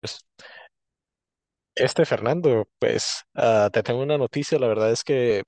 Pues, este Fernando, pues te tengo una noticia, la verdad es que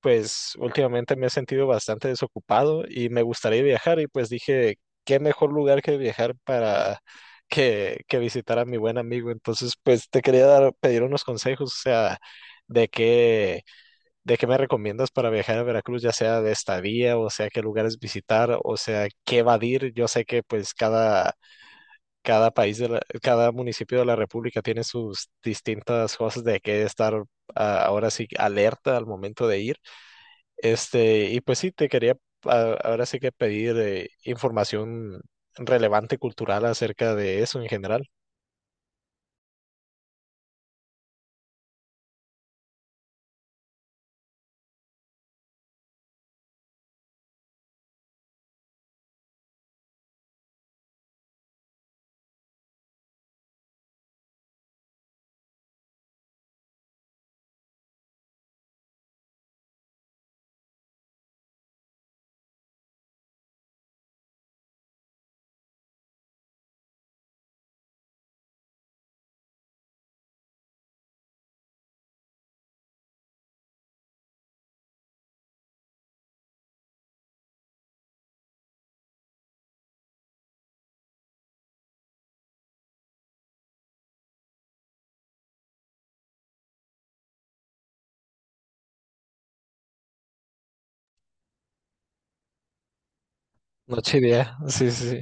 pues últimamente me he sentido bastante desocupado y me gustaría viajar y pues dije, qué mejor lugar que viajar para que visitar a mi buen amigo. Entonces, pues te quería dar, pedir unos consejos, o sea, de qué, de qué me recomiendas para viajar a Veracruz, ya sea de estadía, o sea, qué lugares visitar, o sea, qué evadir. Yo sé que pues cada cada municipio de la República tiene sus distintas cosas de que estar ahora sí alerta al momento de ir. Este, y pues sí, te quería ahora sí que pedir información relevante cultural acerca de eso en general. Noche idea. Sí, sí, sí.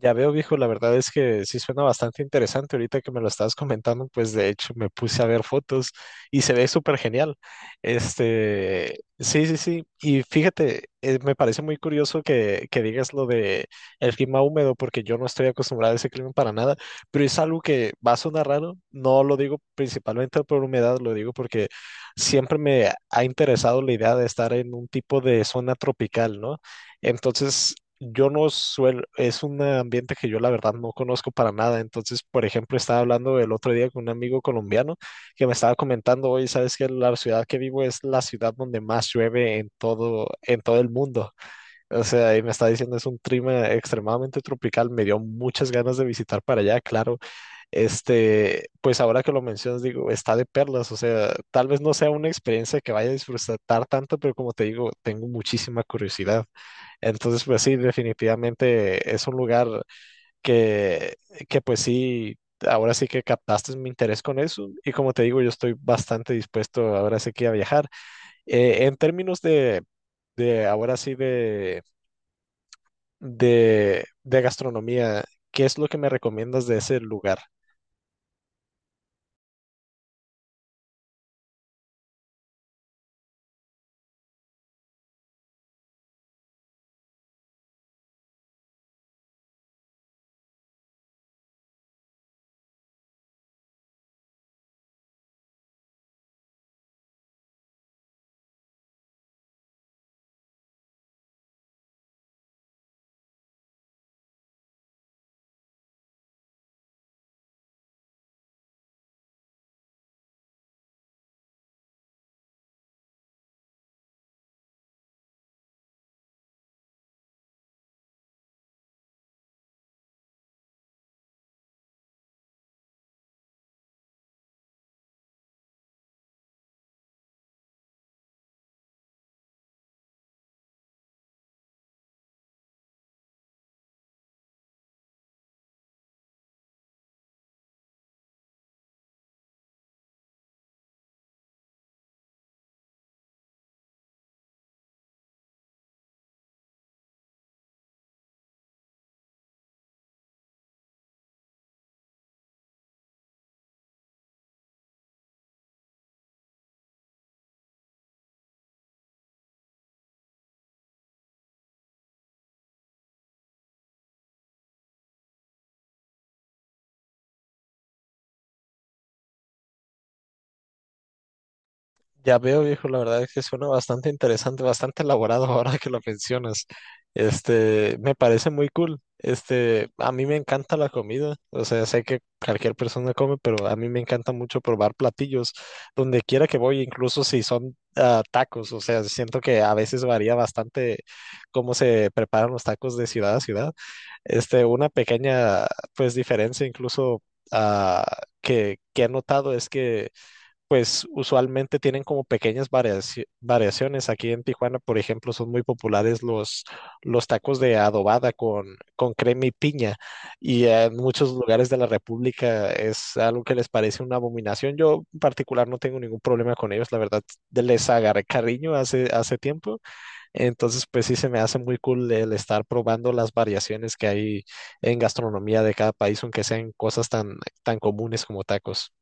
Ya veo, viejo, la verdad es que sí suena bastante interesante. Ahorita que me lo estabas comentando, pues de hecho me puse a ver fotos y se ve súper genial. Este, sí, sí, sí. Y fíjate, me parece muy curioso que digas lo de el clima húmedo, porque yo no estoy acostumbrado a ese clima para nada, pero es algo que va a sonar raro. No lo digo principalmente por humedad, lo digo porque siempre me ha interesado la idea de estar en un tipo de zona tropical, ¿no? Entonces, yo no suelo, es un ambiente que yo la verdad no conozco para nada. Entonces, por ejemplo, estaba hablando el otro día con un amigo colombiano que me estaba comentando, hoy sabes que la ciudad que vivo es la ciudad donde más llueve en todo el mundo. O sea, y me está diciendo, es un clima extremadamente tropical. Me dio muchas ganas de visitar para allá, claro. Este, pues ahora que lo mencionas, digo, está de perlas, o sea, tal vez no sea una experiencia que vaya a disfrutar tanto, pero como te digo, tengo muchísima curiosidad. Entonces, pues sí, definitivamente es un lugar que, que pues sí, ahora sí que captaste mi interés con eso y como te digo, yo estoy bastante dispuesto ahora sí que a viajar. En términos de ahora sí de gastronomía, ¿qué es lo que me recomiendas de ese lugar? Ya veo, viejo, la verdad es que suena bastante interesante, bastante elaborado ahora que lo mencionas. Este, me parece muy cool. Este, a mí me encanta la comida. O sea, sé que cualquier persona come, pero a mí me encanta mucho probar platillos donde quiera que voy, incluso si son tacos. O sea, siento que a veces varía bastante cómo se preparan los tacos de ciudad a ciudad. Este, una pequeña, pues, diferencia incluso ah, que he notado es que pues usualmente tienen como pequeñas variaciones. Aquí en Tijuana, por ejemplo, son muy populares los tacos de adobada con crema y piña. Y en muchos lugares de la República es algo que les parece una abominación. Yo en particular no tengo ningún problema con ellos, la verdad, les agarré cariño hace tiempo. Entonces, pues sí se me hace muy cool el estar probando las variaciones que hay en gastronomía de cada país, aunque sean cosas tan comunes como tacos.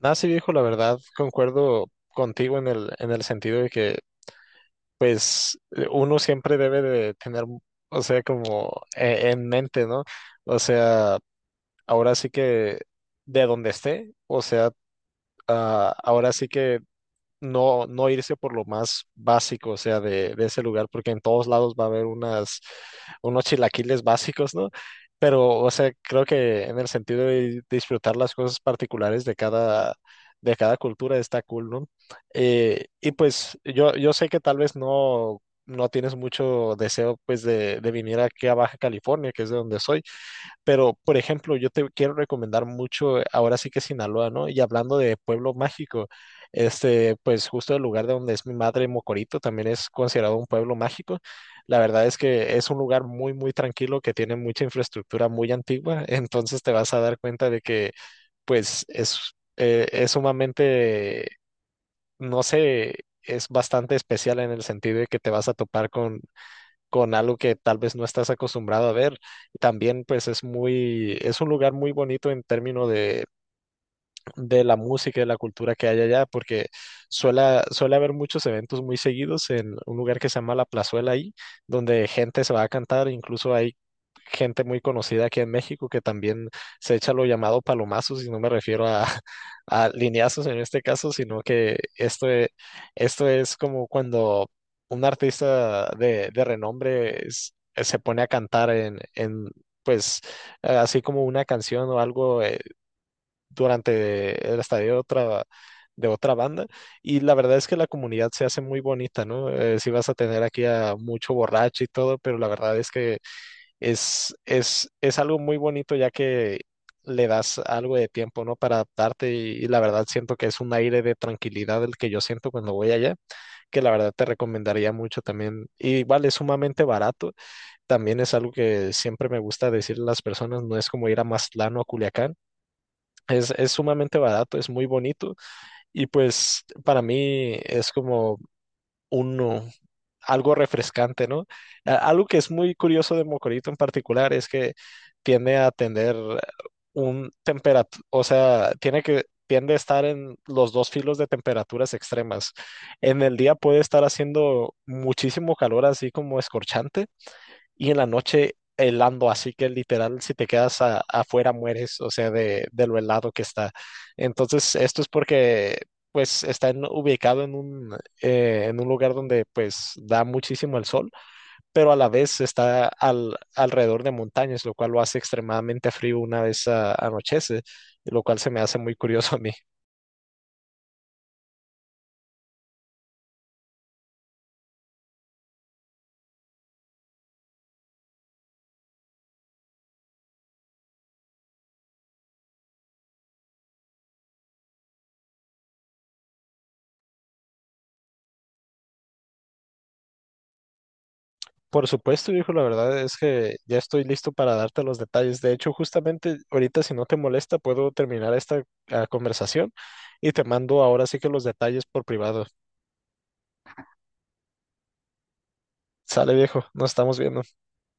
Nada, sí, viejo, la verdad, concuerdo contigo en el sentido de que, pues, uno siempre debe de tener, o sea, como en mente, ¿no? O sea, ahora sí que de donde esté, o sea, ahora sí que no irse por lo más básico, o sea, de ese lugar, porque en todos lados va a haber unos chilaquiles básicos, ¿no? Pero, o sea, creo que en el sentido de disfrutar las cosas particulares de cada cultura está cool, ¿no? Y pues yo sé que tal vez no tienes mucho deseo, pues, de venir aquí a Baja California, que es de donde soy, pero, por ejemplo, yo te quiero recomendar mucho, ahora sí que Sinaloa, ¿no? Y hablando de pueblo mágico, este, pues justo el lugar de donde es mi madre, Mocorito, también es considerado un pueblo mágico. La verdad es que es un lugar muy tranquilo que tiene mucha infraestructura muy antigua, entonces te vas a dar cuenta de que, pues, es sumamente, no sé, es bastante especial en el sentido de que te vas a topar con algo que tal vez no estás acostumbrado a ver. También pues es muy, es un lugar muy bonito en términos de la música y la cultura que hay allá, porque suele haber muchos eventos muy seguidos en un lugar que se llama La Plazuela ahí, donde gente se va a cantar, incluso hay gente muy conocida aquí en México que también se echa lo llamado palomazos, y no me refiero a, a lineazos en este caso, sino que esto es como cuando un artista de renombre se pone a cantar pues, así como una canción o algo durante el estadio de otra banda. Y la verdad es que la comunidad se hace muy bonita, ¿no? Si vas a tener aquí a mucho borracho y todo, pero la verdad es que es algo muy bonito ya que le das algo de tiempo, ¿no? Para adaptarte y la verdad siento que es un aire de tranquilidad el que yo siento cuando voy allá, que la verdad te recomendaría mucho también. Y igual es sumamente barato, también es algo que siempre me gusta decir a las personas, no es como ir a Mazatlán o a Culiacán. Es sumamente barato, es muy bonito y pues para mí es como uno, algo refrescante, ¿no? Algo que es muy curioso de Mocorito en particular es que tiende a tener un temperatura, o sea, tiende a estar en los dos filos de temperaturas extremas. En el día puede estar haciendo muchísimo calor, así como escorchante y en la noche helando, así que literal, si te quedas afuera mueres, o sea, de lo helado que está. Entonces, esto es porque, pues, está ubicado en un lugar donde, pues, da muchísimo el sol, pero a la vez está alrededor de montañas, lo cual lo hace extremadamente frío una vez anochece, lo cual se me hace muy curioso a mí. Por supuesto, viejo, la verdad es que ya estoy listo para darte los detalles. De hecho, justamente ahorita, si no te molesta, puedo terminar esta conversación y te mando ahora sí que los detalles por privado. Sale, viejo, nos estamos viendo.